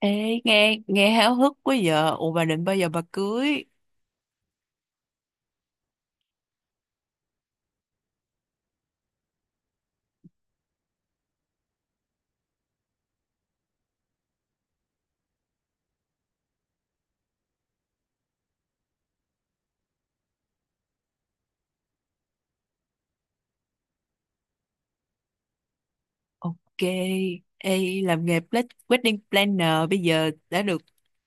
Ê, nghe nghe háo hức quá giờ. Ủa bà định bao giờ bà cưới? Ok. Ê, làm nghề wedding planner bây giờ đã được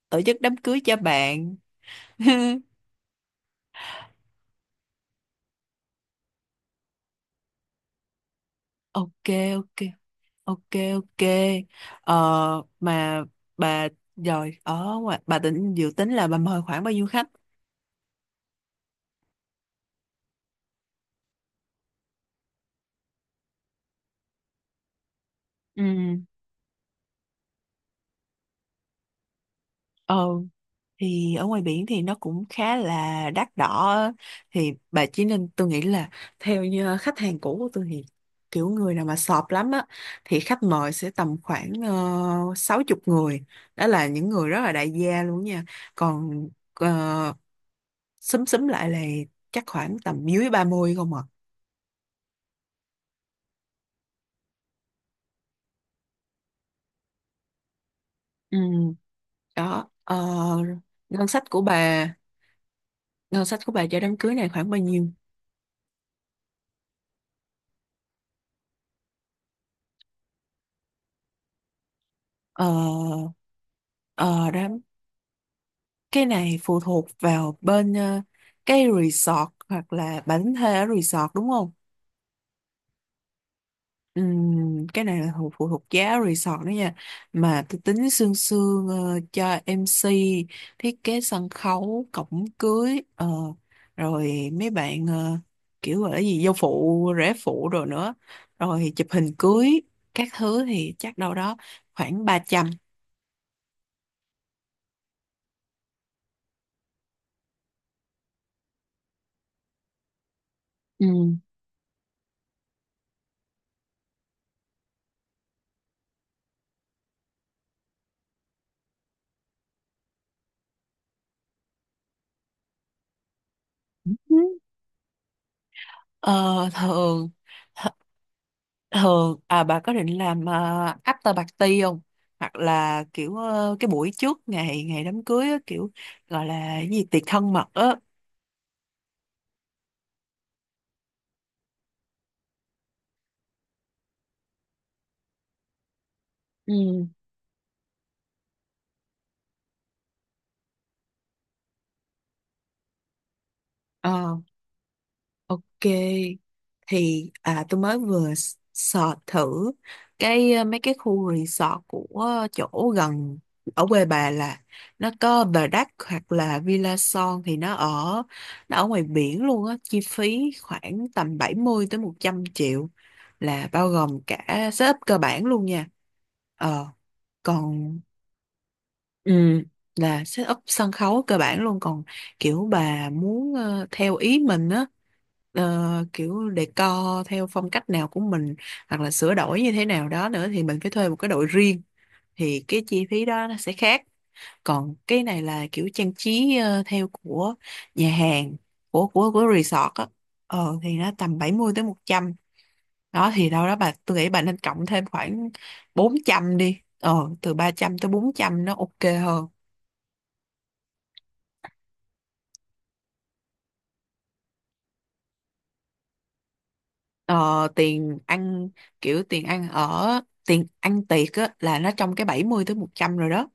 tổ chức đám cưới cho bạn. Ok, ok, ok, ok. Ờ, mà bà rồi ở ngoài bà tính dự tính là bà mời khoảng bao nhiêu khách? Ừ. Thì ở ngoài biển thì nó cũng khá là đắt đỏ á. Thì bà chỉ nên, tôi nghĩ là theo như khách hàng cũ của tôi thì kiểu người nào mà sọp lắm á thì khách mời sẽ tầm khoảng 60 người, đó là những người rất là đại gia luôn nha. Còn ờ, xúm xúm lại là chắc khoảng tầm dưới 30 không à. Ừ, đó. Ờ, ngân sách của bà, cho đám cưới này khoảng bao nhiêu? Ờ, ờ, đám cái này phụ thuộc vào bên cái resort hoặc là bản thuê ở resort đúng không? Cái này là phụ thuộc giá resort đó nha. Mà tôi tính sương sương cho MC, thiết kế sân khấu, cổng cưới, rồi mấy bạn kiểu gọi là gì, dâu phụ, rể phụ rồi nữa. Rồi chụp hình cưới, các thứ thì chắc đâu đó khoảng 300. Ừ. Ờ, thường th- thường à, bà có định làm after party không, hoặc là kiểu cái buổi trước ngày ngày đám cưới á, kiểu gọi là cái gì tiệc thân mật á? Ừ. ờ Ok, thì tôi mới vừa search thử cái mấy cái khu resort của chỗ gần ở quê bà, là nó có Bà Đắc hoặc là Villa Son thì nó ở, nó ở ngoài biển luôn á, chi phí khoảng tầm 70 tới 100 triệu, là bao gồm cả setup cơ bản luôn nha. Ờ, còn Ừ, là set up sân khấu cơ bản luôn. Còn kiểu bà muốn theo ý mình á, kiểu decor theo phong cách nào của mình hoặc là sửa đổi như thế nào đó nữa thì mình phải thuê một cái đội riêng, thì cái chi phí đó nó sẽ khác. Còn cái này là kiểu trang trí theo của nhà hàng, của resort á. Thì nó tầm 70 tới một trăm. Đó thì đâu đó bà, tôi nghĩ bà nên cộng thêm khoảng 400 đi, từ 300 tới 400 nó ok hơn. Ờ, tiền ăn, kiểu tiền ăn ở, tiền ăn tiệc á, là nó trong cái 70 tới 100 rồi đó.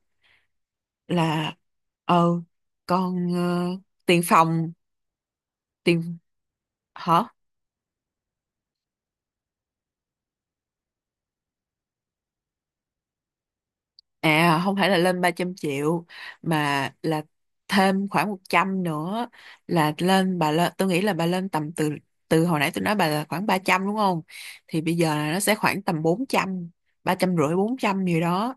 Là ờ còn tiền phòng, tiền, hả? À không phải là lên 300 triệu, mà là thêm khoảng 100 nữa, là lên bà, lên tôi nghĩ là bà lên tầm từ, từ hồi nãy tôi nói bà là khoảng 300 đúng không, thì bây giờ là nó sẽ khoảng tầm 400, 300 rưỡi 400 gì đó.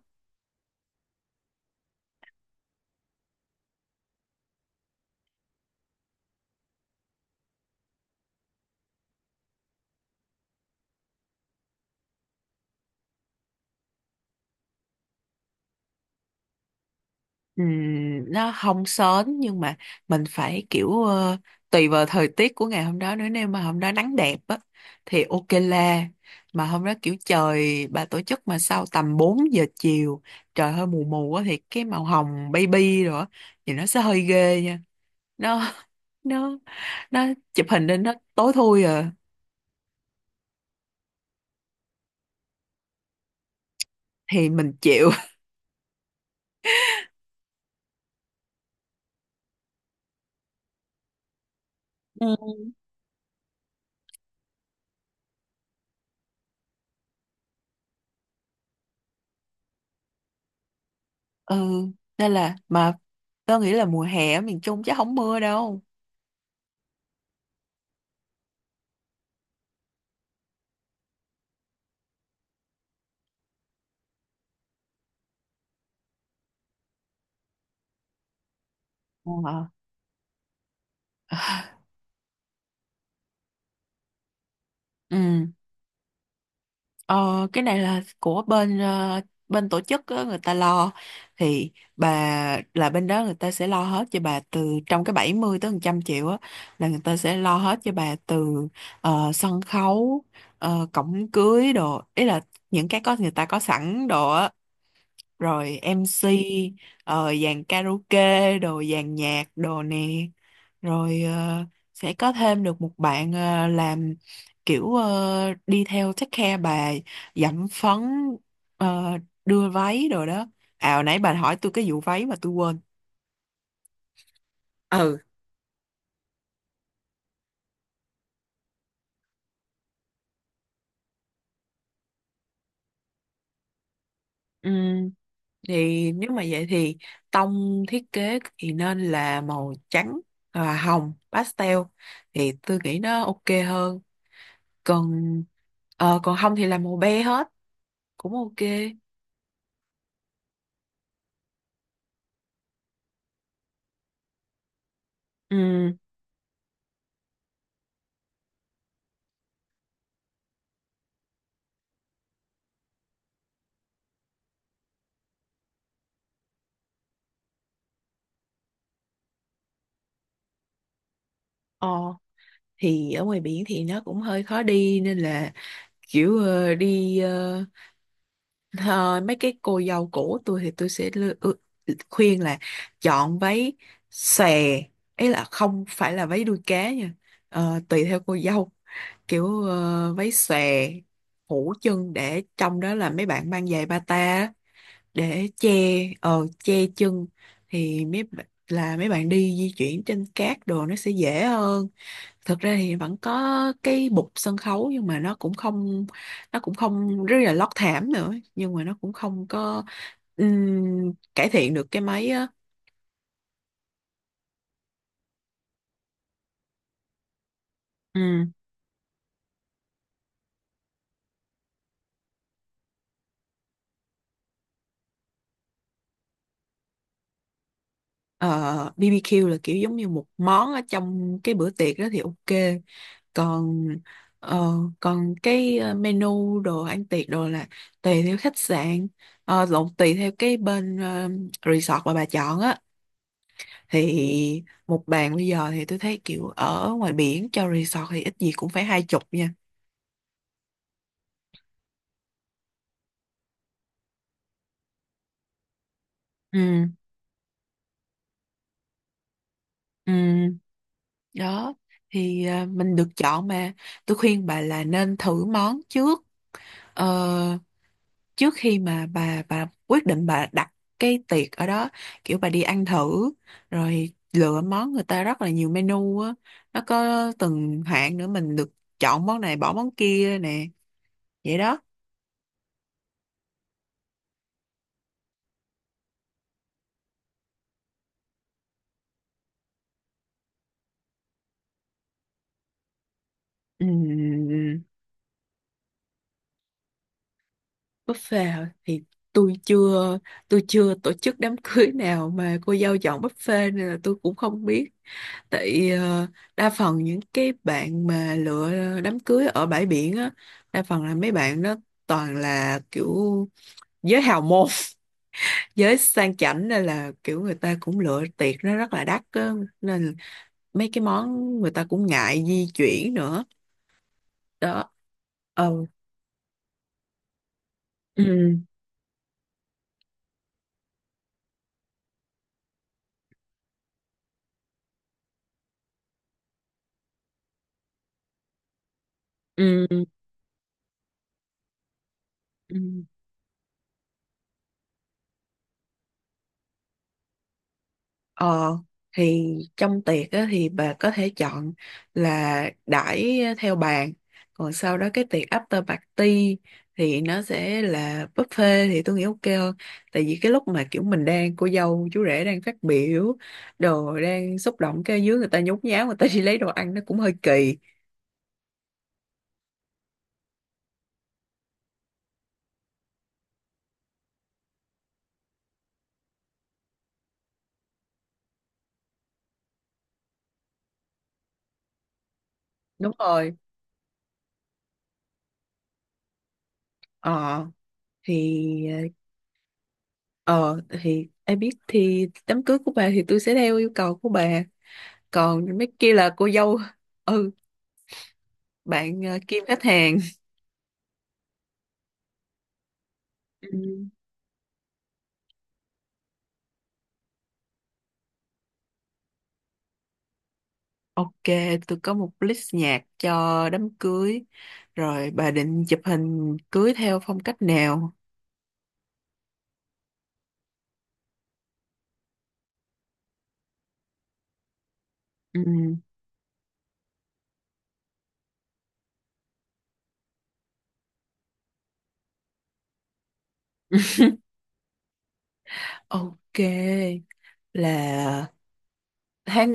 Ừm, nó không sến nhưng mà mình phải kiểu tùy vào thời tiết của ngày hôm đó nữa, nếu mà hôm đó nắng đẹp á thì ok la. Mà hôm đó kiểu trời bà tổ chức mà sau tầm 4 giờ chiều, trời hơi mù mù á thì cái màu hồng baby rồi á thì nó sẽ hơi ghê nha. Nó nó nó chụp hình lên nó tối thui à. Thì mình chịu. Ừ. ừ Nên là, mà tớ nghĩ là mùa hè ở miền Trung chắc không mưa đâu. Ờ. Ừ. Ờ, cái này là của bên bên tổ chức á, người ta lo. Thì bà, là bên đó người ta sẽ lo hết cho bà từ trong cái 70 tới 100 triệu á, là người ta sẽ lo hết cho bà từ sân khấu, cổng cưới đồ, ý là những cái có người ta có sẵn đồ á, rồi MC, dàn karaoke đồ, dàn nhạc đồ nè, rồi sẽ có thêm được một bạn làm kiểu đi theo take care bà, dặm phấn, ờ, đưa váy rồi đó. À hồi nãy bà hỏi tôi cái vụ váy mà tôi quên. Ừ. Ừm, thì nếu mà vậy thì tông thiết kế thì nên là màu trắng và hồng pastel, thì tôi nghĩ nó ok hơn. còn còn không thì làm màu be hết cũng ok. Ừ. Ờ. Thì ở ngoài biển thì nó cũng hơi khó đi nên là kiểu mấy cái cô dâu cũ tôi thì tôi sẽ khuyên là chọn váy xòe, ấy là không phải là váy đuôi cá nha. Ờ, tùy theo cô dâu, kiểu váy xòe phủ chân, để trong đó là mấy bạn mang giày bata á, để che che chân, thì là mấy bạn đi di chuyển trên cát đồ nó sẽ dễ hơn. Thực ra thì vẫn có cái bục sân khấu nhưng mà nó cũng không, nó cũng không, rất là lót thảm nữa nhưng mà nó cũng không có cải thiện được cái mấy á. Ừm, ờ, BBQ là kiểu giống như một món ở trong cái bữa tiệc đó thì ok. còn ờ, còn cái menu đồ ăn tiệc đồ là tùy theo khách sạn, lộn tùy theo cái bên resort mà bà chọn á. Thì một bàn bây giờ thì tôi thấy kiểu ở ngoài biển cho resort thì ít gì cũng phải 20 nha. Ừ. Ừ. Đó, thì mình được chọn mà, tôi khuyên bà là nên thử món trước. Ờ, trước khi mà bà quyết định bà đặt cái tiệc ở đó, kiểu bà đi ăn thử rồi lựa món, người ta rất là nhiều menu á, nó có từng hạng nữa, mình được chọn món này bỏ món kia nè. Vậy đó. Ừm, buffet hả? Thì tôi chưa tôi chưa tổ chức đám cưới nào mà cô dâu chọn buffet nên là tôi cũng không biết. Tại đa phần những cái bạn mà lựa đám cưới ở bãi biển á, đa phần là mấy bạn đó toàn là kiểu giới hào môn giới sang chảnh nên là kiểu người ta cũng lựa tiệc nó rất là đắt á. Nên mấy cái món người ta cũng ngại di chuyển nữa. Đó. Ờ. Ừ, ừ, ừ. Ờ, thì trong tiệc á, thì bà có thể chọn là đãi theo bàn, còn sau đó cái tiệc after party thì nó sẽ là buffet, thì tôi nghĩ ok hơn. Tại vì cái lúc mà kiểu mình đang cô dâu chú rể đang phát biểu đồ, đang xúc động, cái dưới người ta nhốn nháo người ta đi lấy đồ ăn nó cũng hơi kỳ. Đúng rồi. ờ thì ờ thì ai biết, thì đám cưới của bà thì tôi sẽ theo yêu cầu của bà, còn mấy kia là cô dâu. Ừ, bạn kiếm khách hàng. Ừ. Ok, tôi có một list nhạc cho đám cưới. Rồi bà định chụp hình cưới theo phong cách nào? Ừ. Ok. Là tháng,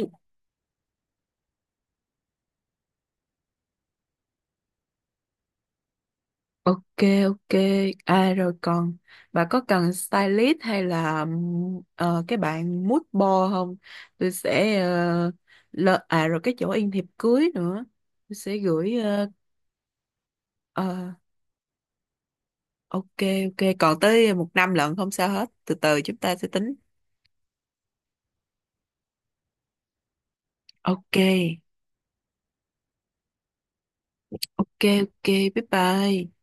ok ok. À rồi còn bà có cần stylist hay là cái bạn mood board không? Tôi sẽ à rồi cái chỗ in thiệp cưới nữa. Tôi sẽ gửi ờ, ok ok. Còn tới một năm lận không sao hết, từ từ chúng ta sẽ tính. Ok ok. ok bye bye.